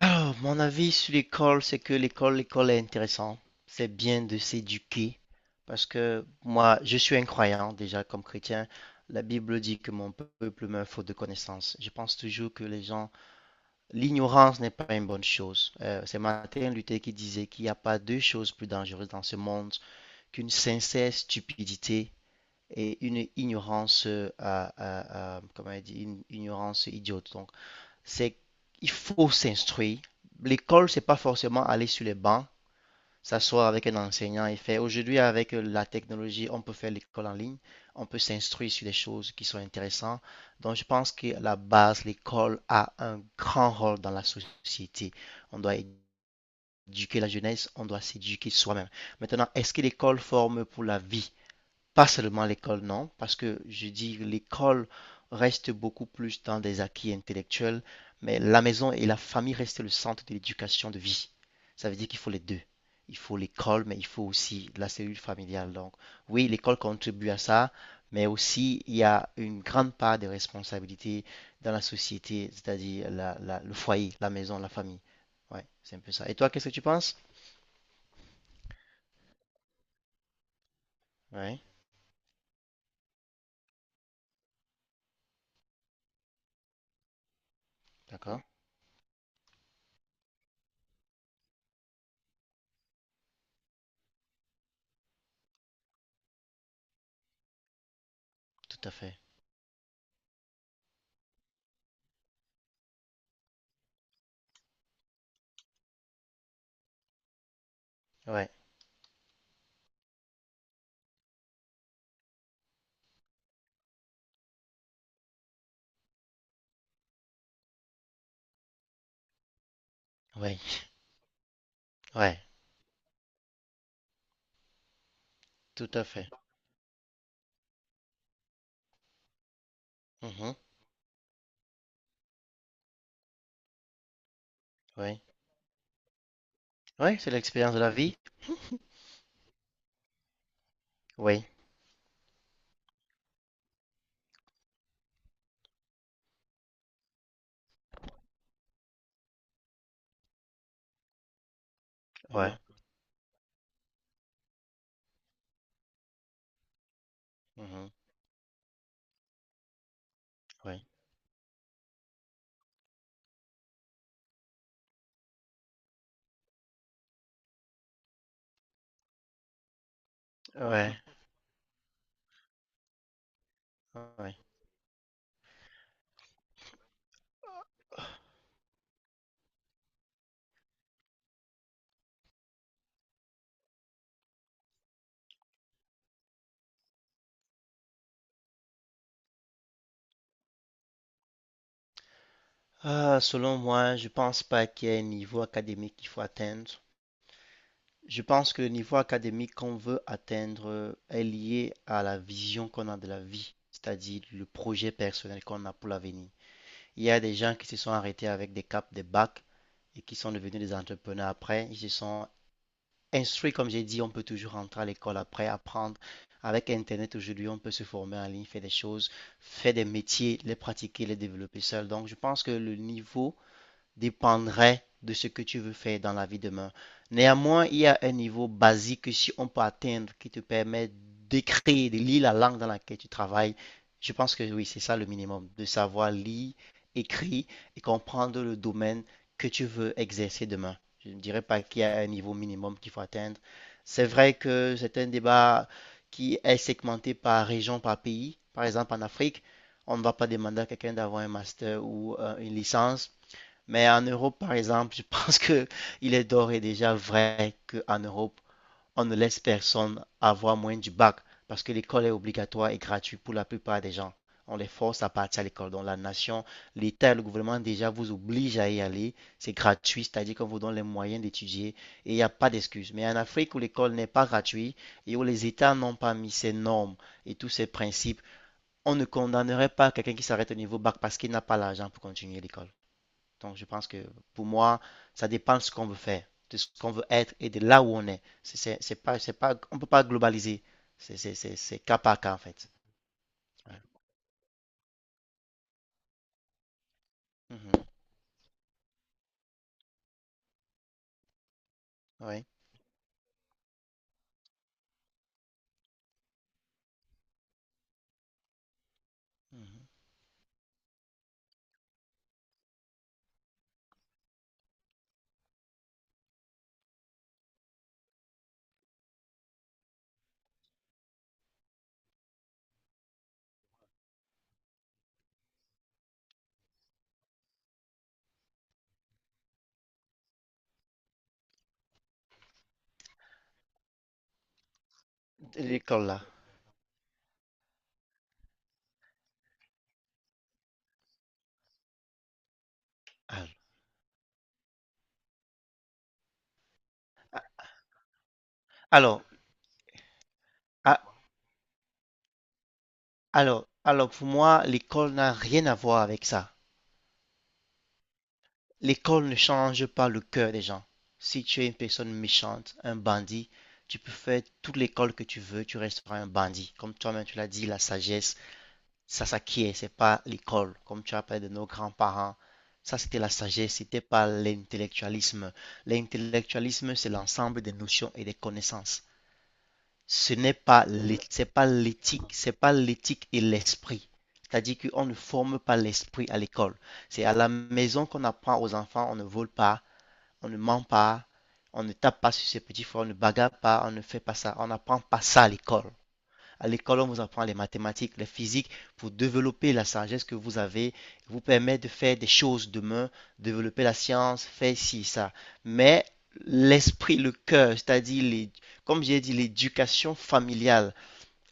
Ah, mon avis sur l'école, c'est que l'école est intéressante. C'est bien de s'éduquer parce que moi, je suis un croyant déjà comme chrétien. La Bible dit que mon peuple meurt faute de connaissances. Je pense toujours que les gens, l'ignorance n'est pas une bonne chose. C'est Martin Luther qui disait qu'il n'y a pas deux choses plus dangereuses dans ce monde qu'une sincère stupidité et une ignorance, comment il dit, une ignorance idiote. Donc, c'est qu'il faut s'instruire. L'école, c'est pas forcément aller sur les bancs, s'asseoir avec un enseignant et faire. Aujourd'hui, avec la technologie, on peut faire l'école en ligne, on peut s'instruire sur des choses qui sont intéressantes. Donc, je pense que la base, l'école a un grand rôle dans la société. On doit éduquer la jeunesse, on doit s'éduquer soi-même. Maintenant, est-ce que l'école forme pour la vie? Pas seulement l'école, non, parce que je dis l'école reste beaucoup plus dans des acquis intellectuels, mais la maison et la famille restent le centre de l'éducation de vie. Ça veut dire qu'il faut les deux. Il faut l'école, mais il faut aussi la cellule familiale. Donc, oui, l'école contribue à ça, mais aussi il y a une grande part de responsabilité dans la société, c'est-à-dire le foyer, la maison, la famille. Ouais, c'est un peu ça. Et toi, qu'est-ce que tu penses? Ouais, d'accord, tout à fait. Ouais, ouais, ouais, tout à fait. Mhm. Oui. Oui, c'est l'expérience de la vie. Oui, ouais. Mhm, mhm. Oui, ouais, ouais. Ah, selon moi, je pense pas qu'il y ait un niveau académique qu'il faut atteindre. Je pense que le niveau académique qu'on veut atteindre est lié à la vision qu'on a de la vie, c'est-à-dire le projet personnel qu'on a pour l'avenir. Il y a des gens qui se sont arrêtés avec des caps, des bacs et qui sont devenus des entrepreneurs après. Ils se sont instruit, comme j'ai dit, on peut toujours rentrer à l'école après, apprendre. Avec Internet aujourd'hui, on peut se former en ligne, faire des choses, faire des métiers, les pratiquer, les développer seul. Donc, je pense que le niveau dépendrait de ce que tu veux faire dans la vie demain. Néanmoins, il y a un niveau basique que si on peut atteindre qui te permet d'écrire, de lire la langue dans laquelle tu travailles. Je pense que oui, c'est ça le minimum, de savoir lire, écrire et comprendre le domaine que tu veux exercer demain. Je ne dirais pas qu'il y a un niveau minimum qu'il faut atteindre. C'est vrai que c'est un débat qui est segmenté par région, par pays. Par exemple, en Afrique, on ne va pas demander à quelqu'un d'avoir un master ou une licence, mais en Europe, par exemple, je pense que il est d'ores et déjà vrai qu'en Europe, on ne laisse personne avoir moins du bac parce que l'école est obligatoire et gratuite pour la plupart des gens. On les force à partir à l'école. Donc la nation, l'État et le gouvernement déjà vous obligent à y aller. C'est gratuit, c'est-à-dire qu'on vous donne les moyens d'étudier et il n'y a pas d'excuse. Mais en Afrique où l'école n'est pas gratuite et où les États n'ont pas mis ces normes et tous ces principes, on ne condamnerait pas quelqu'un qui s'arrête au niveau bac parce qu'il n'a pas l'argent pour continuer l'école. Donc, je pense que pour moi, ça dépend de ce qu'on veut faire, de ce qu'on veut être et de là où on est. C'est pas, on ne peut pas globaliser. C'est cas par cas, en fait. Ouais. Mhm. Ouais. Mhm. L'école, là. Ah. Alors, ah, alors, pour moi, l'école n'a rien à voir avec ça. L'école ne change pas le cœur des gens. Si tu es une personne méchante, un bandit, tu peux faire toute l'école que tu veux, tu resteras un bandit. Comme toi-même, tu l'as dit, la sagesse. Ça s'acquiert, c'est pas l'école, comme tu appelles de nos grands-parents. Ça, c'était la sagesse, c'était pas l'intellectualisme. L'intellectualisme, c'est l'ensemble des notions et des connaissances. Ce n'est pas l'éthique, c'est pas l'éthique et l'esprit. C'est-à-dire qu'on ne forme pas l'esprit à l'école. C'est à la maison qu'on apprend aux enfants, on ne vole pas, on ne ment pas, on ne tape pas sur ses petits frères, on ne bagarre pas, on ne fait pas ça, on n'apprend pas ça à l'école. À l'école, on vous apprend les mathématiques, les physiques pour développer la sagesse que vous avez, vous permet de faire des choses demain, développer la science, faire ci, ça. Mais l'esprit, le cœur, c'est-à-dire, comme j'ai dit, l'éducation familiale,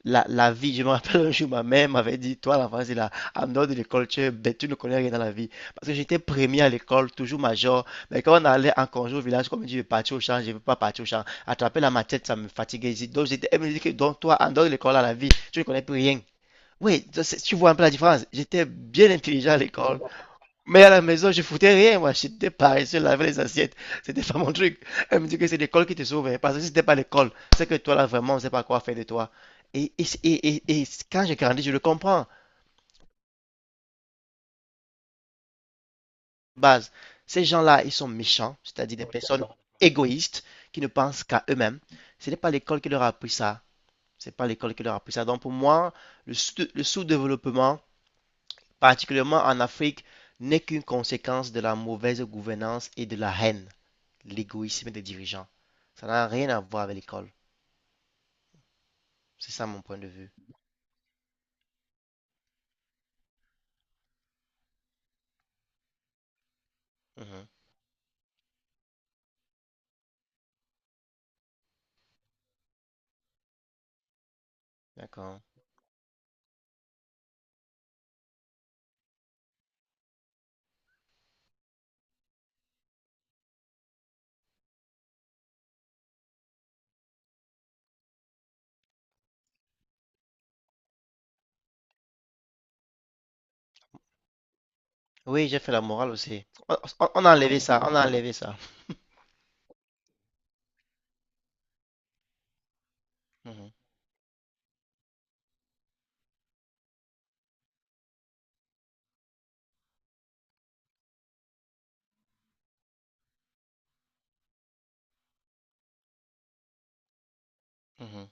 la vie, je me rappelle un jour, ma mère m'avait dit, toi, la phrase, là, en dehors de l'école, tu, es bête, tu ne connais rien dans la vie. Parce que j'étais premier à l'école, toujours major. Mais quand on allait en congé au village, comme je dis, je vais partir au champ, je ne veux pas partir au champ. Attraper la machette, ça me fatiguait. Donc, j'étais, elle me dit que, donc, toi, en dehors de l'école, à la vie, tu ne connais plus rien. Oui, ça, c'est- tu vois un peu la différence. J'étais bien intelligent à l'école. Mais à la maison, je foutais rien, moi. J'étais paresseux, laver les assiettes. C'était pas mon truc. Elle me dit que c'est l'école qui te sauve, hein. Parce que si c'était pas l'école, c'est que toi, là, vraiment, on sait pas quoi faire de toi. Et quand j'ai grandi, je le comprends. Base, ces gens-là, ils sont méchants, c'est-à-dire des personnes égoïstes qui ne pensent qu'à eux-mêmes. Ce n'est pas l'école qui leur a appris ça. C'est pas l'école qui leur a appris ça. Donc, pour moi, le sous-développement, particulièrement en Afrique, n'est qu'une conséquence de la mauvaise gouvernance et de la haine, l'égoïsme des dirigeants. Ça n'a rien à voir avec l'école. C'est ça mon point de vue. Mhm. D'accord. Oui, j'ai fait la morale aussi. On a enlevé ça, on a enlevé ça. Mhm. Mhm.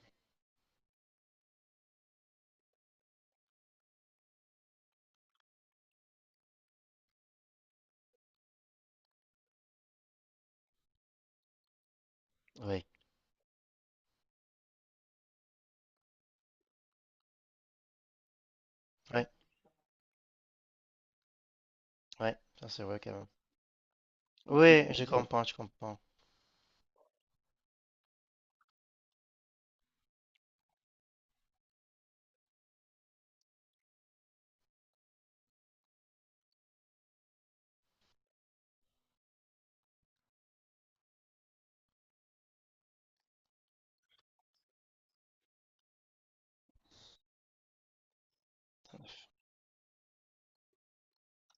Oui, ouais, ouais, ça c'est vrai quand même. Oui, je comprends, je comprends.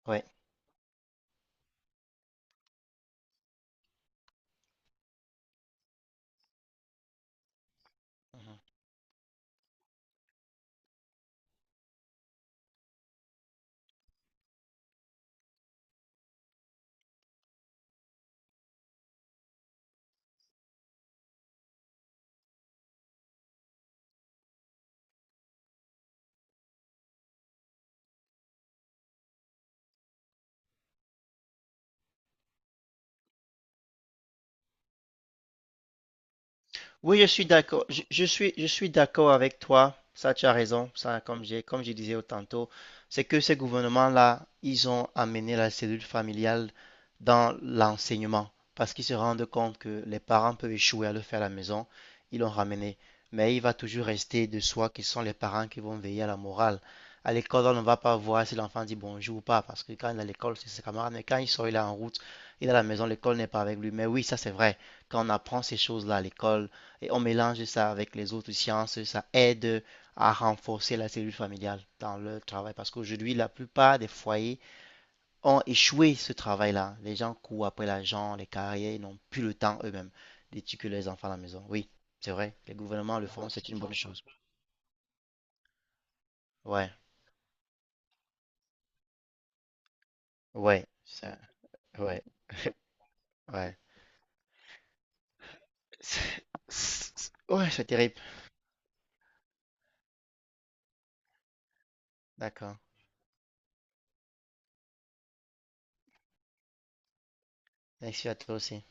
Ouais. Mhm. Oui, je suis d'accord. Je suis d'accord avec toi. Ça, tu as raison. Ça, comme j'ai, comme je disais tantôt, c'est que ces gouvernements-là, ils ont amené la cellule familiale dans l'enseignement parce qu'ils se rendent compte que les parents peuvent échouer à le faire à la maison. Ils l'ont ramené. Mais il va toujours rester de soi qui sont les parents qui vont veiller à la morale. À l'école, on ne va pas voir si l'enfant dit bonjour ou pas parce que quand il est à l'école, c'est ses camarades. Mais quand il sort, il est en route, il est à la maison, l'école n'est pas avec lui. Mais oui, ça, c'est vrai. Quand on apprend ces choses-là à l'école, et on mélange ça avec les autres sciences, ça aide à renforcer la cellule familiale dans leur travail. Parce qu'aujourd'hui, la plupart des foyers ont échoué ce travail-là. Les gens courent après l'argent, les carrières, ils n'ont plus le temps eux-mêmes d'éduquer les enfants à la maison. Oui, c'est vrai, les gouvernements le font, c'est une bonne chose. Ouais, ouais, ouais, ouais. Ouais, c'est terrible. D'accord. Merci à toi aussi.